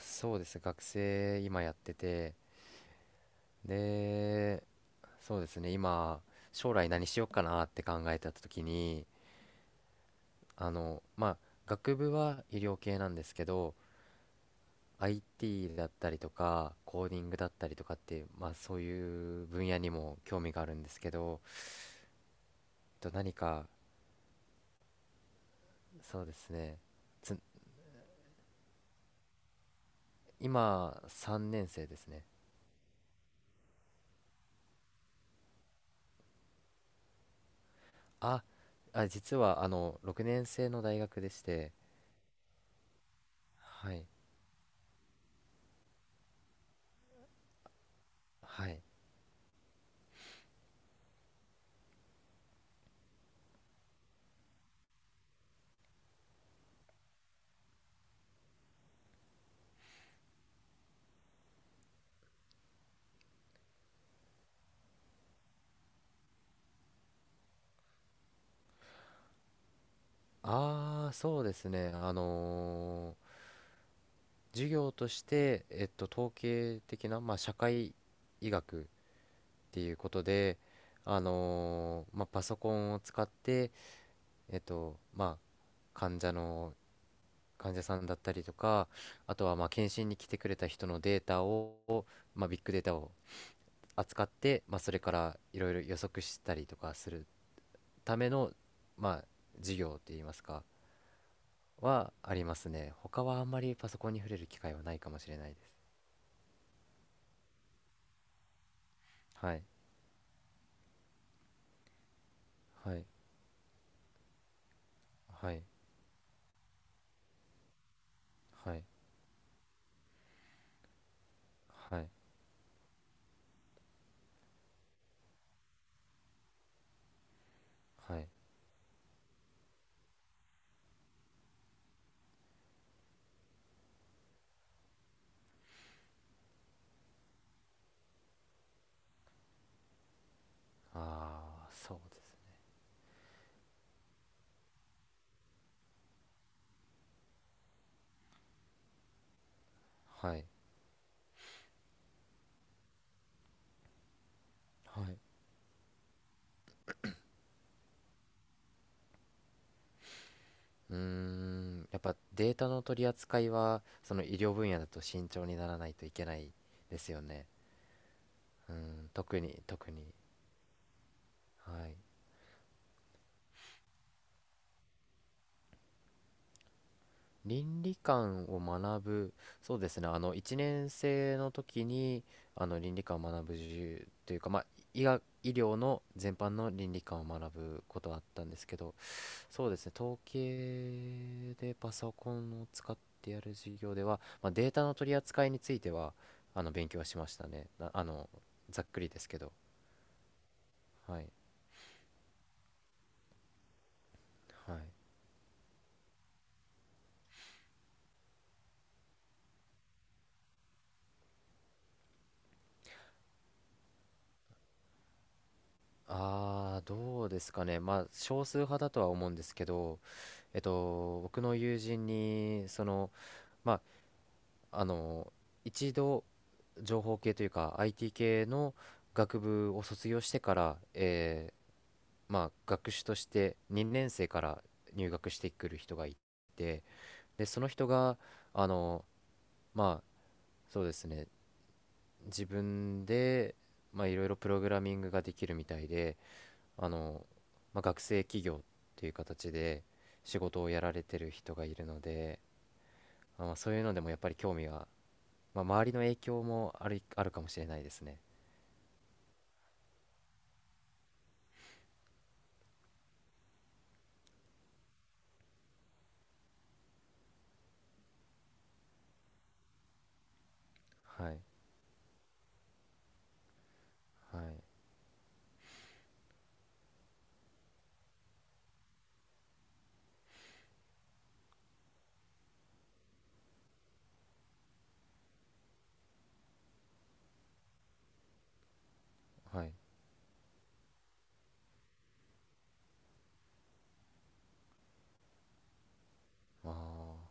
そうですね、学生今やってて。で、そうですね、今、将来何しようかなって考えた時に、あのまあ学部は医療系なんですけど、 IT だったりとかコーディングだったりとかっていう、まあそういう分野にも興味があるんですけどと何か。そうですね。つ今3年生ですね。ああ、実は6年生の大学でして。はいはい。ああ、そうですね。授業として、統計的な、まあ、社会医学っていうことで、まあ、パソコンを使って、まあ、患者の、患者さんだったりとか、あとは、まあ、検診に来てくれた人のデータを、まあ、ビッグデータを扱って、まあ、それからいろいろ予測したりとかするための、まあ、授業って言いますか、はありますね。他はあんまりパソコンに触れる機会はないかもしれないです。はい、はい、はい、はい、はい、はい。ああ、そうです。はい、はい。うーん、やっぱデータの取り扱いは、その医療分野だと慎重にならないといけないですよね。うん、特に、特に。はい。倫理観を学ぶ。そうですね、1年生の時に倫理観を学ぶ授業というか、まあ、医学、医療の全般の倫理観を学ぶことはあったんですけど、そうですね、統計でパソコンを使ってやる授業では、まあ、データの取り扱いについては勉強はしましたね。なあのざっくりですけど。はい。はい。ああ、どうですかね。まあ、少数派だとは思うんですけど、僕の友人に、まあ、あの、一度、情報系というか、IT 系の学部を卒業してから、まあ、学士として2年生から入学してくる人がいて、で、その人が、あの、まあ、そうですね、自分で、まあ、いろいろプログラミングができるみたいで、あの、まあ、学生企業っていう形で仕事をやられてる人がいるので、まあ、そういうのでもやっぱり興味が、まあ、周りの影響もあるかもしれないですね。はい、はい、はい。まあ、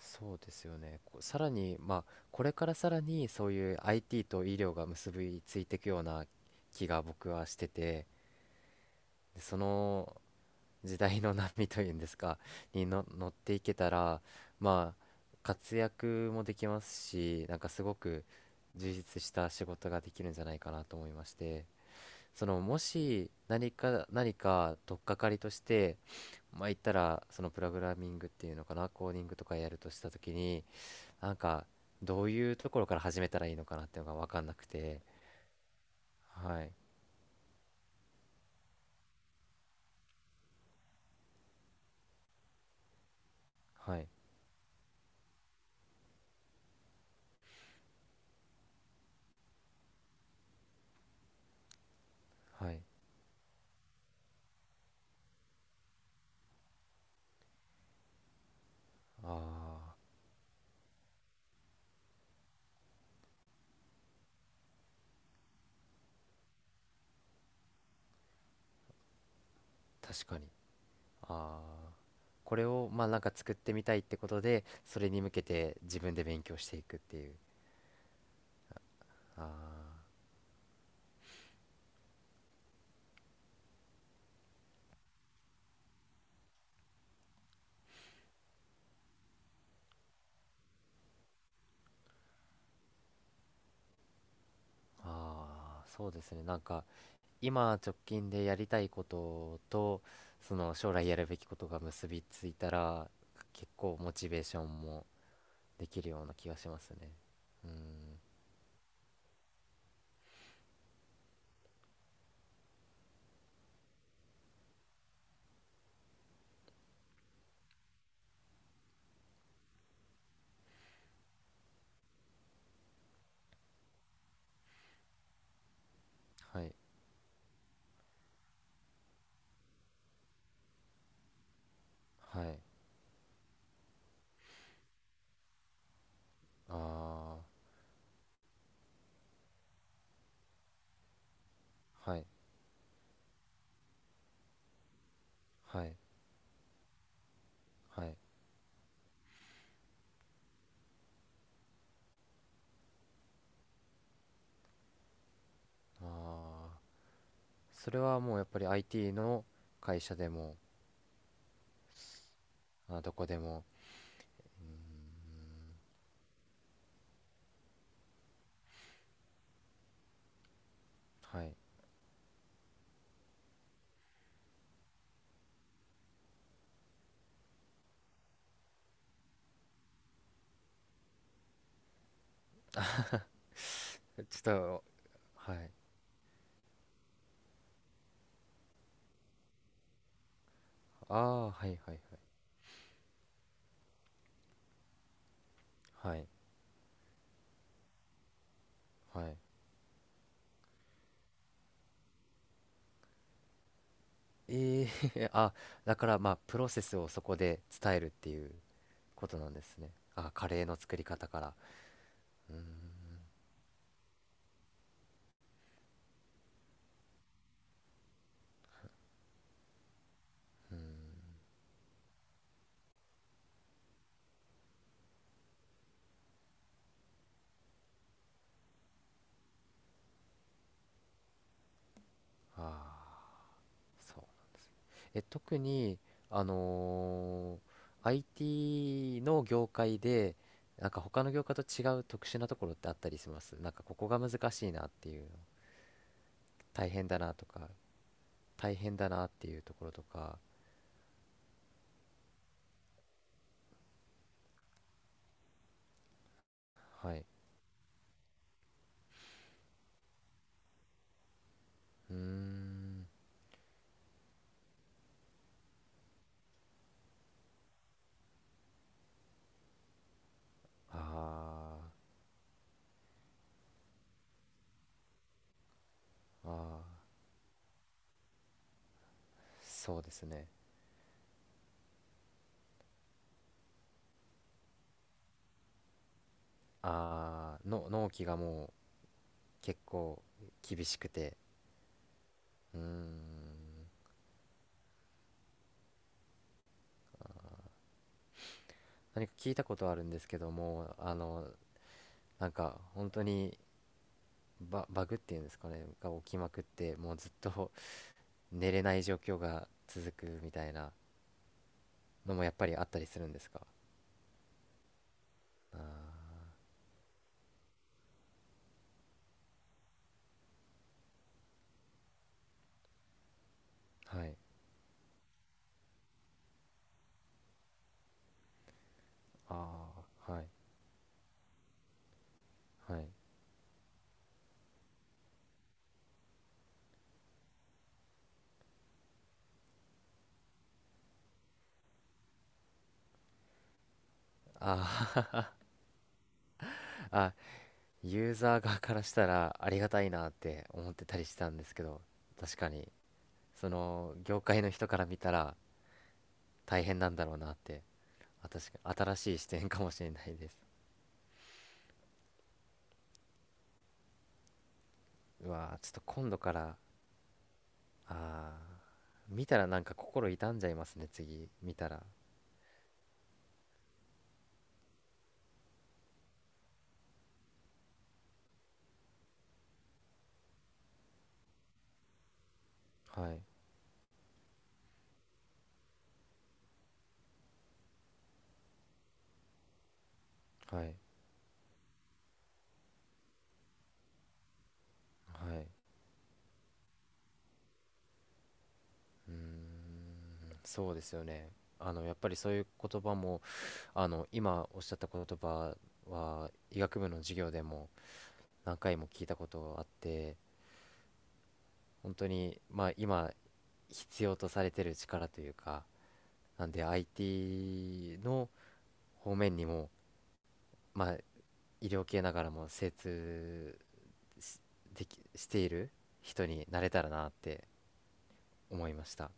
そうですよね。こさらに、まあ、これからさらにそういう IT と医療が結びついていくような気が僕はしてて、でその時代の波というんですか、にの乗っていけたら、まあ、活躍もできますし、なんかすごく充実した仕事ができるんじゃないかなと思いまして。もし何か取っかかりとして、まあ言ったら、プログラミングっていうのかな、コーディングとかやるとした時に、なんかどういうところから始めたらいいのかなっていうのが分かんなくて。はい、はい、はい。あー、確かに。あー、これをまあなんか作ってみたいってことで、それに向けて自分で勉強していくっていう。あー、あー、そうですね、なんか今直近でやりたいこととその将来やるべきことが結びついたら、結構モチベーションもできるような気がしますね。うん。はい、はい、ああー、はい、はい、はい、ああー、それはもうやっぱり IT の会社でも。あ、どこでも。うん、はい。 ちょっと、はい。ああー、はい、はい、はい、はい、はい、ええ。 あ、だからまあプロセスをそこで伝えるっていうことなんですね。あ、カレーの作り方から。うーん、うーん、ああ、そう。え、特に、あのー IT の業界で、なんか他の業界と違う特殊なところってあったりします、なんかここが難しいなっていう、大変だなとか、大変だなっていうところとか。はい。うーん、ああ、ああ、そうですね。あーの納期がもう結構厳しくて。うーん、何か聞いたことあるんですけども、なんか本当にバグっていうんですかねが起きまくってもうずっと、 寝れない状況が続くみたいなのもやっぱりあったりするんですか。あー、はい、あー、はい、はい、あー。 あ、ユーザー側からしたらありがたいなって思ってたりしたんですけど、確かにその業界の人から見たら大変なんだろうなって。あ、確かに新しい視点かもしれないです。 うわー、ちょっと今度から、あー見たらなんか心痛んじゃいますね、次見たら。はい、はい、はい、うーん、そうですよね。やっぱりそういう言葉も今おっしゃった言葉は医学部の授業でも何回も聞いたことあって本当にまあ今必要とされてる力というかなんで IT の方面にもまあ医療系ながらも精通しできしている人になれたらなって思いました。